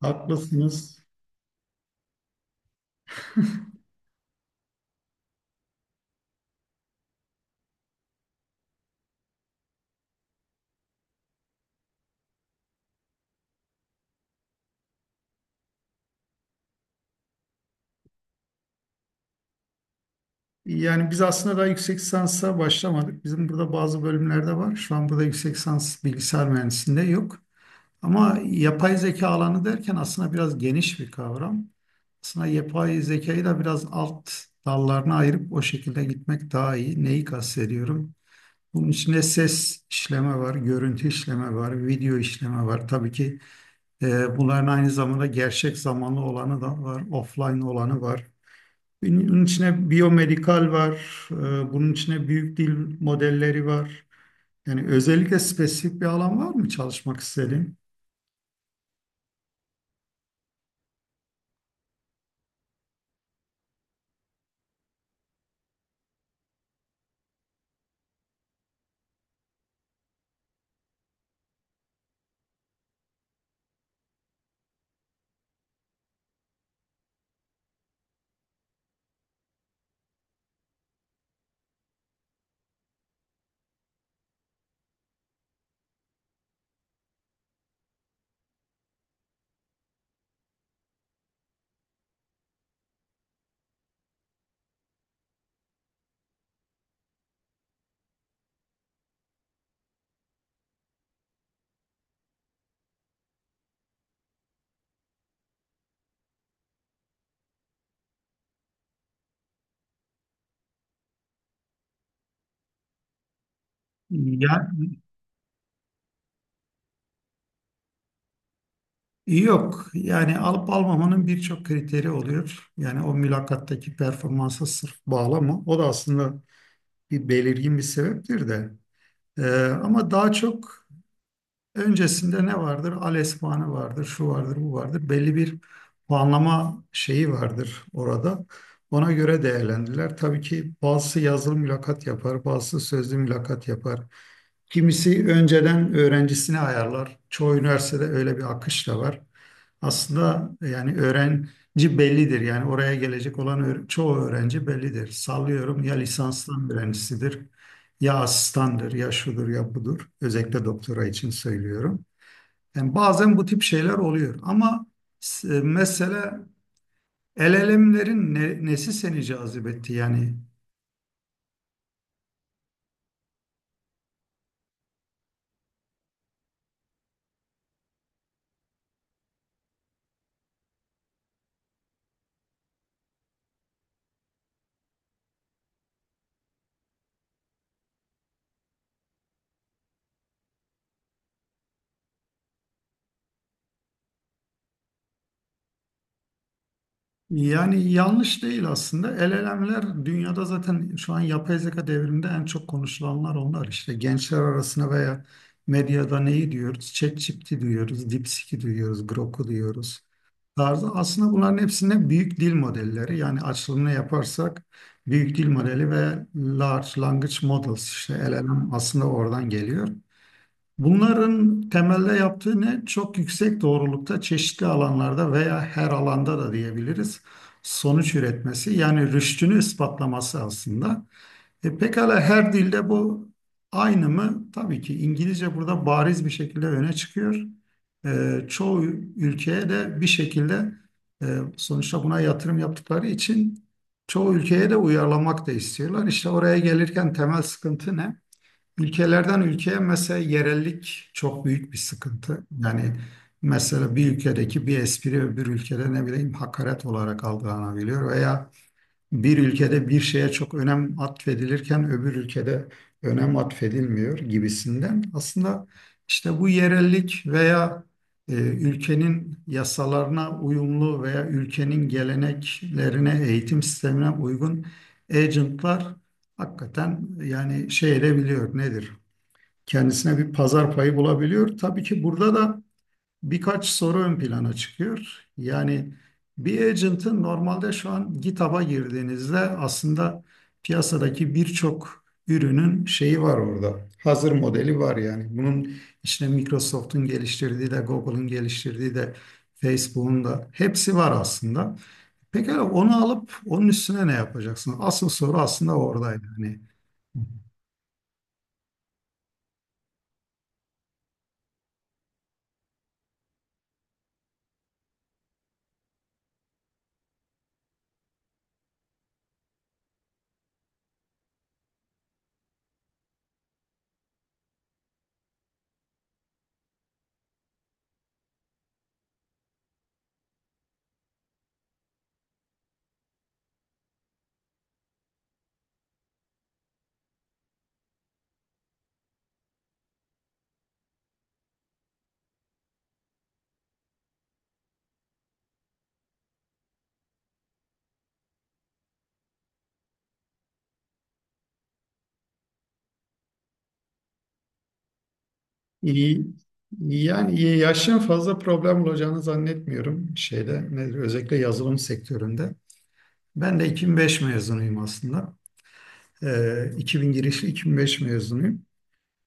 Haklısınız. Yani biz aslında daha yüksek lisansa başlamadık. Bizim burada bazı bölümlerde var. Şu an burada yüksek lisans bilgisayar mühendisliğinde yok. Ama yapay zeka alanı derken aslında biraz geniş bir kavram. Aslında yapay zekayı da biraz alt dallarına ayırıp o şekilde gitmek daha iyi. Neyi kastediyorum? Bunun içinde ses işleme var, görüntü işleme var, video işleme var. Tabii ki bunların aynı zamanda gerçek zamanlı olanı da var, offline olanı var. Bunun içine biyomedikal var, bunun içine büyük dil modelleri var. Yani özellikle spesifik bir alan var mı çalışmak istediğin? Ya, yok. Yani alıp almamanın birçok kriteri oluyor. Yani o mülakattaki performansa sırf bağlama. O da aslında bir belirgin bir sebeptir de. Ee, ama daha çok öncesinde ne vardır? Al puanı vardır, şu vardır, bu vardır. Belli bir puanlama şeyi vardır orada. Ona göre değerlendiler. Tabii ki bazısı yazılı mülakat yapar, bazısı sözlü mülakat yapar. Kimisi önceden öğrencisini ayarlar. Çoğu üniversitede öyle bir akış da var. Aslında yani öğrenci bellidir. Yani oraya gelecek olan çoğu öğrenci bellidir. Sallıyorum ya lisanstan öğrencisidir ya asistandır, ya şudur, ya budur. Özellikle doktora için söylüyorum. Yani bazen bu tip şeyler oluyor ama mesela LLM'lerin nesi seni cazip etti yani? Yani yanlış değil aslında. Elemler dünyada zaten şu an yapay zeka devriminde en çok konuşulanlar onlar. İşte gençler arasında veya medyada neyi diyoruz? ChatGPT diyoruz, DeepSeek'i diyoruz, Grok'u diyoruz tarzı. Aslında bunların hepsinde büyük dil modelleri, yani açılımını yaparsak büyük dil modeli ve large language models, işte LLM aslında oradan geliyor. Bunların temelde yaptığı ne? Çok yüksek doğrulukta çeşitli alanlarda veya her alanda da diyebiliriz sonuç üretmesi, yani rüştünü ispatlaması aslında. E, pekala her dilde bu aynı mı? Tabii ki İngilizce burada bariz bir şekilde öne çıkıyor. E, çoğu ülkeye de bir şekilde, sonuçta buna yatırım yaptıkları için çoğu ülkeye de uyarlamak da istiyorlar. İşte oraya gelirken temel sıkıntı ne? Ülkelerden ülkeye mesela yerellik çok büyük bir sıkıntı. Yani mesela bir ülkedeki bir espri öbür ülkede ne bileyim hakaret olarak algılanabiliyor veya bir ülkede bir şeye çok önem atfedilirken öbür ülkede önem atfedilmiyor gibisinden. Aslında işte bu yerellik veya ülkenin yasalarına uyumlu veya ülkenin geleneklerine, eğitim sistemine uygun agentlar hakikaten yani şey edebiliyor, nedir? Kendisine bir pazar payı bulabiliyor. Tabii ki burada da birkaç soru ön plana çıkıyor. Yani bir agent'ın normalde şu an GitHub'a girdiğinizde aslında piyasadaki birçok ürünün şeyi var orada. Hazır modeli var yani. Bunun işte Microsoft'un geliştirdiği de, Google'ın geliştirdiği de, Facebook'un da hepsi var aslında. Pekala onu alıp onun üstüne ne yapacaksın? Asıl soru aslında oradaydı. Hani İyi, yani yaşın fazla problem olacağını zannetmiyorum şeyde, nedir, özellikle yazılım sektöründe. Ben de 2005 mezunuyum aslında. 2000 girişli 2005 mezunuyum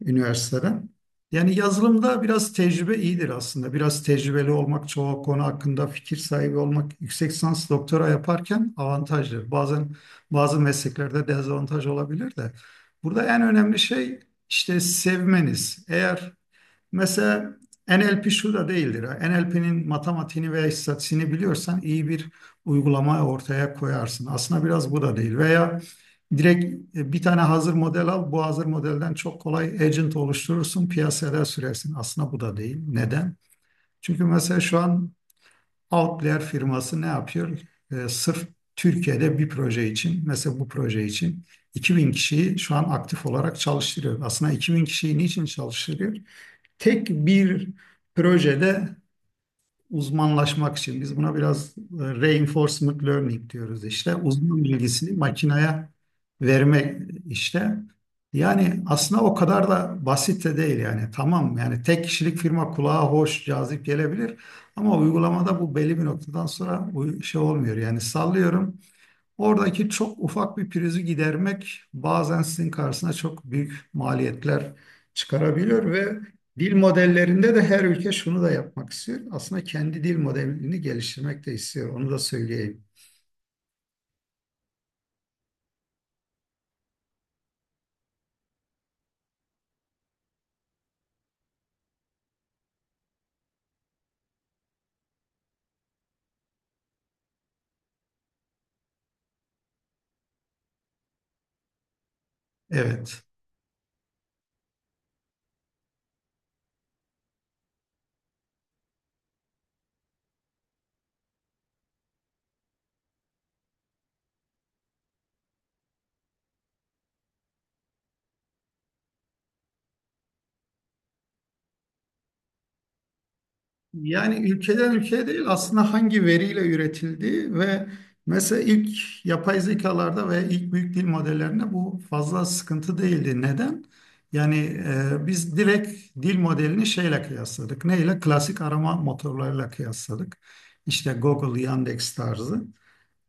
üniversiteden. Yani yazılımda biraz tecrübe iyidir aslında. Biraz tecrübeli olmak, çoğu konu hakkında fikir sahibi olmak yüksek lisans doktora yaparken avantajdır. Bazen bazı mesleklerde dezavantaj olabilir de. Burada en önemli şey işte sevmeniz. Mesela NLP şu da değildir. NLP'nin matematiğini veya istatistiğini biliyorsan iyi bir uygulama ortaya koyarsın. Aslında biraz bu da değil. Veya direkt bir tane hazır model al. Bu hazır modelden çok kolay agent oluşturursun, piyasaya sürersin. Aslında bu da değil. Neden? Çünkü mesela şu an Outlier firması ne yapıyor? Sırf Türkiye'de bir proje için, mesela bu proje için 2000 kişiyi şu an aktif olarak çalıştırıyor. Aslında 2000 kişiyi niçin çalıştırıyor? Tek bir projede uzmanlaşmak için biz buna biraz reinforcement learning diyoruz işte. Uzman bilgisini makineye verme işte. Yani aslında o kadar da basit de değil yani. Tamam, yani tek kişilik firma kulağa hoş, cazip gelebilir ama uygulamada bu belli bir noktadan sonra şey olmuyor. Yani sallıyorum, oradaki çok ufak bir prizi gidermek bazen sizin karşısına çok büyük maliyetler çıkarabiliyor ve dil modellerinde de her ülke şunu da yapmak istiyor. Aslında kendi dil modelini geliştirmek de istiyor. Onu da söyleyeyim. Evet. Yani ülkeden ülkeye değil aslında, hangi veriyle üretildiği ve mesela ilk yapay zekalarda ve ilk büyük dil modellerinde bu fazla sıkıntı değildi. Neden? Yani biz direkt dil modelini şeyle kıyasladık. Neyle? Klasik arama motorlarıyla kıyasladık. İşte Google, Yandex tarzı.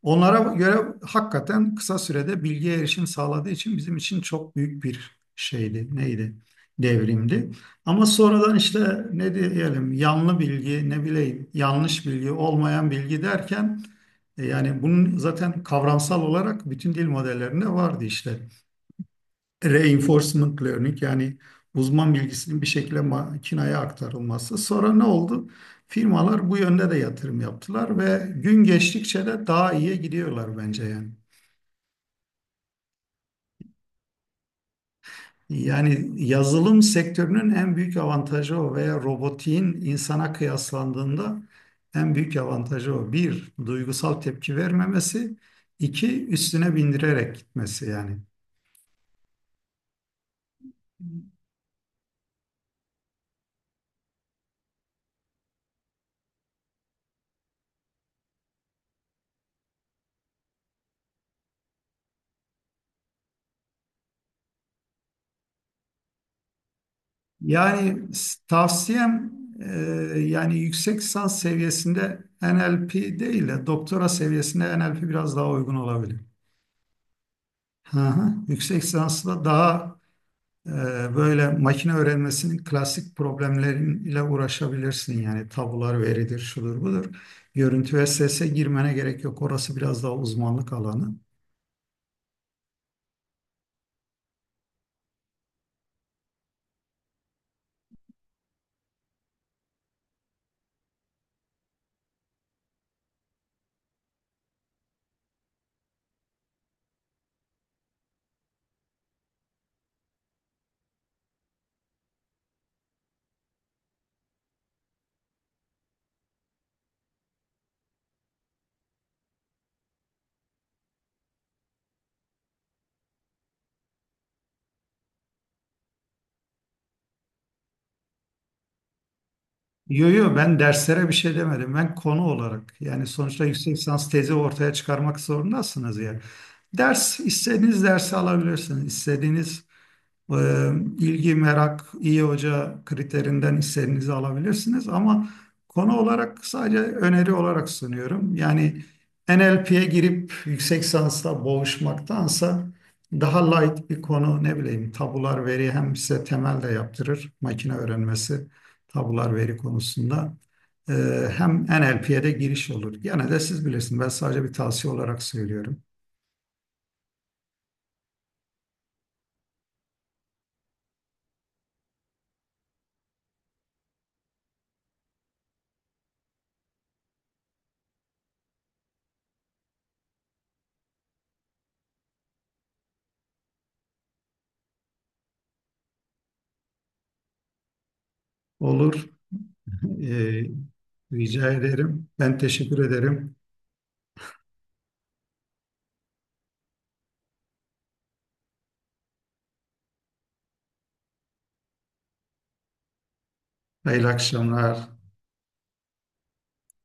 Onlara göre hakikaten kısa sürede bilgiye erişim sağladığı için bizim için çok büyük bir şeydi. Neydi? Devrimdi. Ama sonradan işte ne diyelim, yanlı bilgi, ne bileyim yanlış bilgi, olmayan bilgi derken yani bunun zaten kavramsal olarak bütün dil modellerinde vardı işte. Reinforcement learning, yani uzman bilgisinin bir şekilde makineye aktarılması. Sonra ne oldu? Firmalar bu yönde de yatırım yaptılar ve gün geçtikçe de daha iyiye gidiyorlar bence yani. Yani yazılım sektörünün en büyük avantajı o veya robotiğin insana kıyaslandığında en büyük avantajı o. Bir, duygusal tepki vermemesi. İki üstüne bindirerek gitmesi yani. Yani tavsiyem yani yüksek lisans seviyesinde NLP değil de doktora seviyesinde NLP biraz daha uygun olabilir. Hı hı. Yüksek lisansla daha e, böyle makine öğrenmesinin klasik problemleriyle uğraşabilirsin. Yani tabular veridir, şudur budur. Görüntü ve sese girmene gerek yok. Orası biraz daha uzmanlık alanı. Yo yo, ben derslere bir şey demedim. Ben konu olarak, yani sonuçta yüksek lisans tezi ortaya çıkarmak zorundasınız ya. Ders istediğiniz dersi alabilirsiniz. İstediğiniz ee, ilgi, merak, iyi hoca kriterinden hissenizi alabilirsiniz ama konu olarak sadece öneri olarak sunuyorum. Yani NLP'ye girip yüksek lisansla boğuşmaktansa daha light bir konu, ne bileyim tabular veri, hem size temel de yaptırır makine öğrenmesi tabular veri konusunda. Ee, hem NLP'ye de giriş olur. Gene de siz bilirsiniz, ben sadece bir tavsiye olarak söylüyorum. Olur. Ee, rica ederim. Ben teşekkür ederim. Hayırlı akşamlar.